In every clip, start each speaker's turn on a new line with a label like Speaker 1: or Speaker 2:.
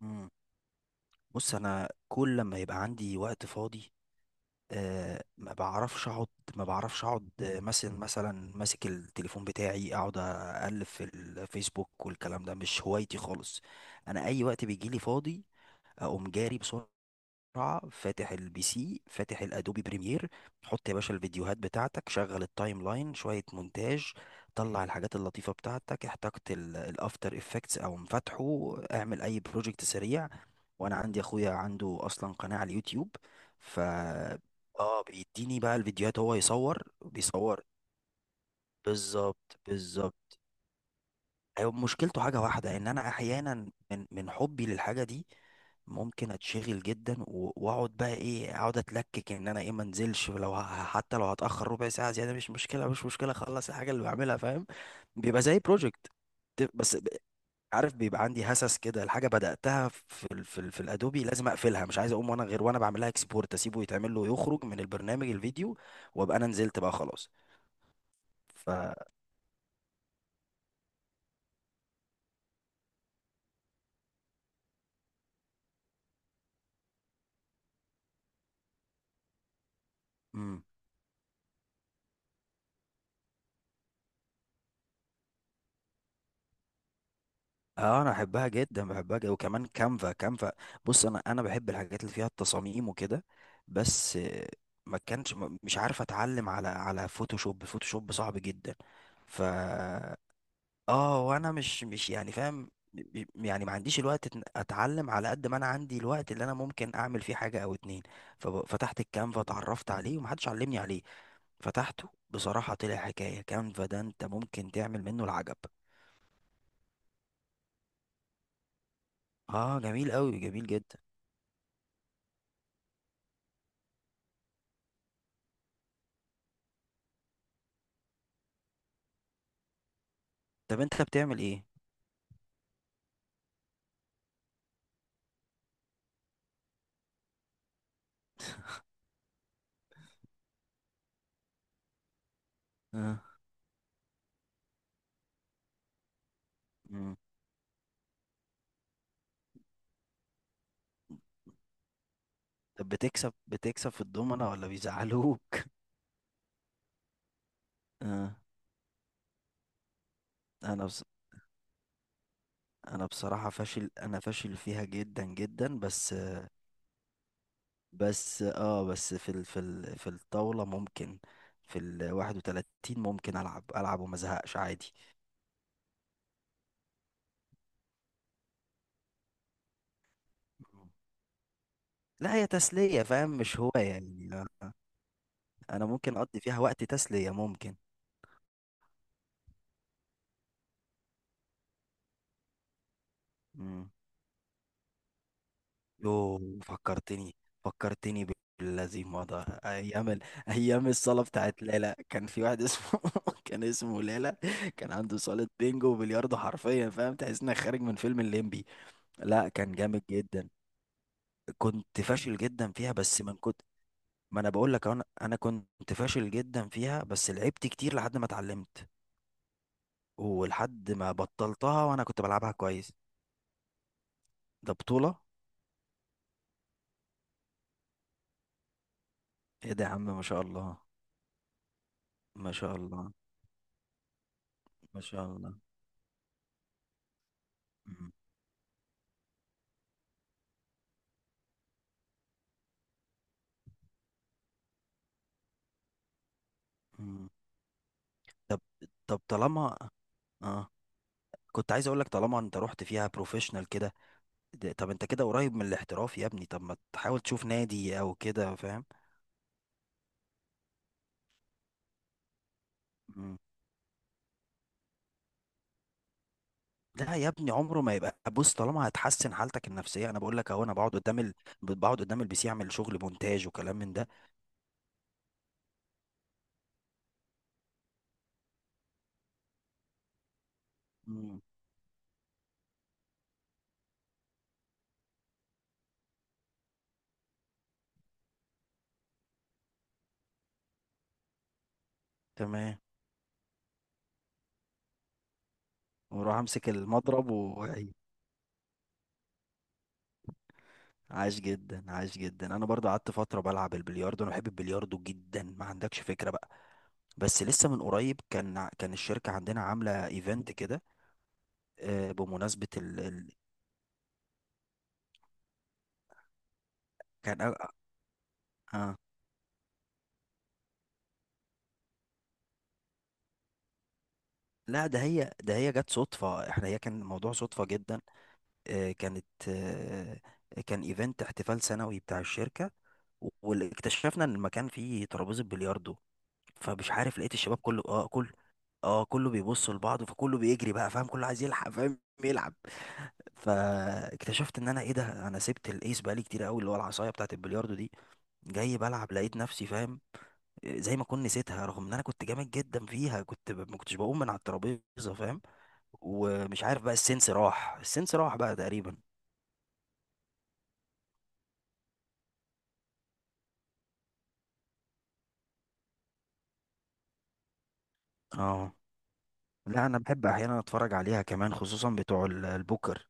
Speaker 1: مم. بص انا كل لما يبقى عندي وقت فاضي ما بعرفش اقعد. ما بعرفش اقعد، مثلا ماسك التليفون بتاعي، اقعد اقلب في الفيسبوك والكلام ده مش هوايتي خالص. انا اي وقت بيجي لي فاضي اقوم جاري بسرعة، فاتح البي سي، فاتح الادوبي بريمير. حط يا باشا الفيديوهات بتاعتك، شغل التايم لاين، شوية مونتاج، طلع الحاجات اللطيفة بتاعتك، احتجت الافتر افكتس او مفاتحه، اعمل اي بروجكت سريع. وانا عندي اخويا عنده اصلا قناة على اليوتيوب، ف اه، بيديني بقى الفيديوهات، هو يصور بيصور. بالظبط بالظبط. ايوه، مشكلته حاجة واحدة، ان انا احيانا من حبي للحاجة دي ممكن اتشغل جدا واقعد بقى ايه، اقعد اتلكك ان انا ايه، ما انزلش. لو حتى لو هتاخر ربع ساعه زياده مش مشكله، مش مشكله، اخلص الحاجه اللي بعملها، فاهم؟ بيبقى زي بروجكت بس. عارف، بيبقى عندي هسس كده، الحاجه بداتها في الادوبي لازم اقفلها، مش عايز اقوم وانا غير وانا بعملها اكسبورت، اسيبه يتعمل له، يخرج من البرنامج الفيديو، وابقى انا نزلت بقى خلاص. ف مم. اه انا بحبها جدا، بحبها جدا. وكمان كانفا، كانفا. بص انا بحب الحاجات اللي فيها التصاميم وكده، بس ما كانش ما- مش عارف اتعلم على فوتوشوب، الفوتوشوب صعب جدا. ف اه، وانا مش يعني فاهم، يعني ما عنديش الوقت إن اتعلم، على قد ما انا عندي الوقت اللي انا ممكن اعمل فيه حاجه او اتنين. ففتحت الكانفا، اتعرفت عليه ومحدش علمني عليه، فتحته بصراحه طلع حكايه. كانفا ده انت ممكن تعمل منه العجب. اه جميل قوي، جميل جدا. طب انت بتعمل ايه؟ اه. مم. طب بتكسب، في الضمنه ولا بيزعلوك؟ اه، انا انا بصراحه فاشل، انا فاشل فيها جدا جدا، بس. بس في الطاولة ممكن، في ال 31 ممكن ألعب، ألعب وما ازهقش عادي. مم. لا، هي تسلية، فاهم؟ مش هواية يعني. أنا ممكن أقضي فيها وقت تسلية، ممكن. مم. يوه، فكرتني، فكرتني بالذي مضى، أيام الصالة بتاعت ليلى. كان في واحد اسمه كان اسمه ليلى، كان عنده صالة بينجو وبلياردو حرفيا، فاهم؟ تحس إنك خارج من فيلم الليمبي. لا، كان جامد جدا. كنت فاشل جدا فيها بس من كتر ما، انا بقول لك، انا كنت فاشل جدا فيها، بس لعبت كتير لحد ما اتعلمت، ولحد ما بطلتها وانا كنت بلعبها كويس. ده بطولة. ايه ده يا عم، ما شاء الله. ما شاء الله. ما شاء الله. مم. مم. طب طب طالما، اه، كنت عايز اقول لك، طالما انت رحت فيها بروفيشنال كده، طب انت كده قريب من الاحتراف يا ابني، طب ما تحاول تشوف نادي او كده، فاهم؟ لا يا ابني، عمره ما يبقى. بص، طالما هتحسن حالتك النفسيه، انا بقول لك اهو، انا بقعد قدام بقعد قدام البي سي، اعمل شغل مونتاج وكلام من ده. مم. تمام. واروح امسك المضرب واعيد. عاش جدا، عاش جدا. انا برضو قعدت فتره بلعب البلياردو، انا بحب البلياردو جدا، ما عندكش فكره بقى. بس لسه من قريب، كان الشركه عندنا عامله ايفنت كده، بمناسبه كان أ- آه. لا، ده هي جت صدفه. احنا، هي كان الموضوع صدفه جدا. كانت، كان ايفنت احتفال سنوي بتاع الشركة، واكتشفنا ان المكان فيه ترابيزة بلياردو. فمش عارف، لقيت الشباب كله، اه، كله بيبص لبعض، فكله بيجري بقى، فاهم؟ كله عايز يلحق، فاهم، يلعب. فاكتشفت ان انا، ايه ده، انا سبت الايس بقالي كتير قوي، اللي هو العصايه بتاعت البلياردو دي. جاي بلعب لقيت نفسي، فاهم، زي ما كنت نسيتها، رغم ان انا كنت جامد جدا فيها، كنت ما كنتش بقوم من على الترابيزه، فاهم؟ ومش عارف بقى، السنس راح، السنس راح بقى تقريبا. اه. لا، انا بحب احيانا اتفرج عليها كمان، خصوصا بتوع البوكر.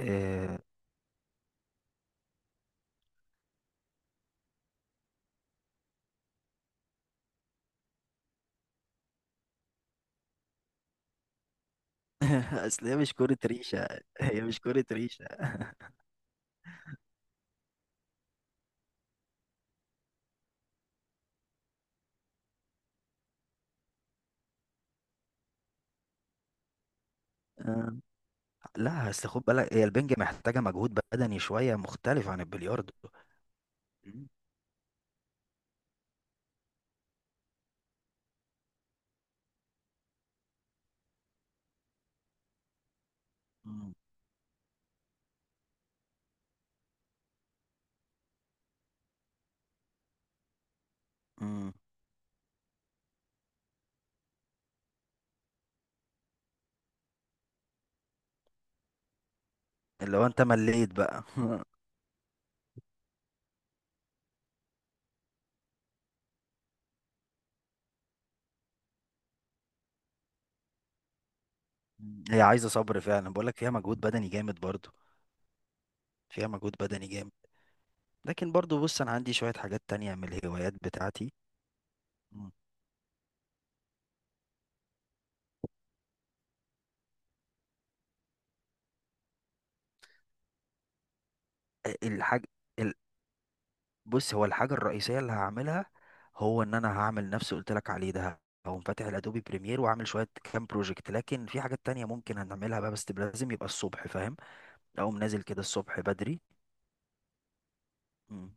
Speaker 1: إيه. اصل هي مش كرة ريشة، هي مش كرة ريشة. آه، لا، اصل خد بالك، هي البنج محتاجة مجهود بدني شوية مختلف عن البلياردو. مم. مم. مم. اللي هو انت مليت بقى. مم. هي عايزة صبر فعلا، بقول لك فيها مجهود بدني جامد برضو، فيها مجهود بدني جامد. لكن برضو بص، انا عندي شوية حاجات تانية من الهوايات بتاعتي. مم. الحاج بص، هو الحاجة الرئيسية اللي هعملها، هو ان انا هعمل نفس اللي قلت لك عليه ده، هقوم فاتح الادوبي بريمير واعمل شوية كام بروجكت. لكن في حاجات تانية ممكن هنعملها بقى، بس لازم يبقى الصبح، فاهم؟ اقوم نازل كده الصبح بدري. مم.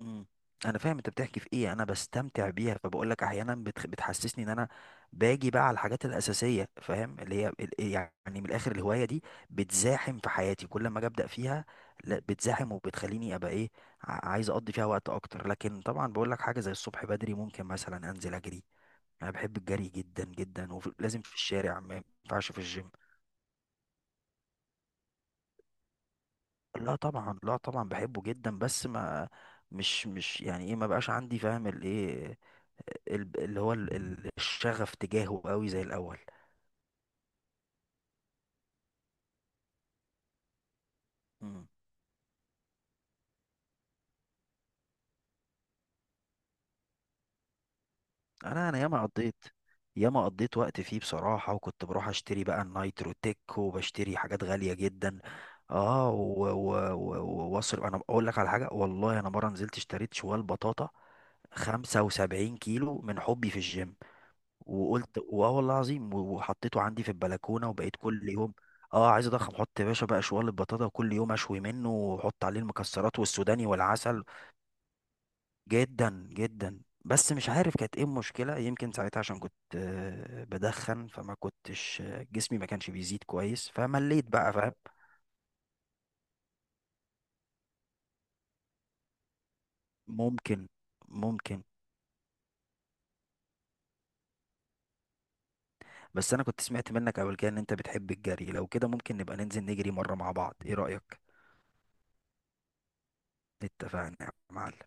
Speaker 1: مم. انا فاهم انت بتحكي في ايه، انا بستمتع بيها، فبقول لك احيانا بتحسسني ان انا باجي بقى على الحاجات الاساسيه، فاهم، اللي هي يعني، من الاخر، الهوايه دي بتزاحم في حياتي كل ما اجي ابدا فيها. لا، بتزاحم وبتخليني ابقى، ايه، عايز اقضي فيها وقت اكتر. لكن طبعا بقول لك، حاجه زي الصبح بدري ممكن مثلا انزل اجري، انا بحب الجري جدا جدا، ولازم في الشارع، ما ينفعش في الجيم. لا طبعا، لا طبعا، بحبه جدا، بس ما، مش يعني ايه، ما بقاش عندي، فاهم، الايه، اللي هو الشغف تجاهه قوي زي الاول. مم. انا ياما قضيت، ياما قضيت وقت فيه بصراحة، وكنت بروح اشتري بقى النايترو تيك، وبشتري حاجات غالية جدا. اه واصرف، انا اقول لك على حاجة، والله انا مرة نزلت اشتريت شوال بطاطا 75 كيلو من حبي في الجيم، وقلت واه والله العظيم، وحطيته عندي في البلكونة، وبقيت كل يوم، اه، عايز اضخم، حط يا باشا بقى شوال البطاطا، وكل يوم اشوي منه واحط عليه المكسرات والسوداني والعسل. جدا جدا، بس مش عارف كانت ايه المشكلة. يمكن ساعتها عشان كنت بدخن، فما كنتش، جسمي ما كانش بيزيد كويس، فمليت بقى، فاهم؟ ممكن. ممكن. بس انا كنت سمعت منك قبل كده ان انت بتحب الجري، لو كده ممكن نبقى ننزل نجري مرة مع بعض، ايه رأيك؟ اتفقنا يا معلم.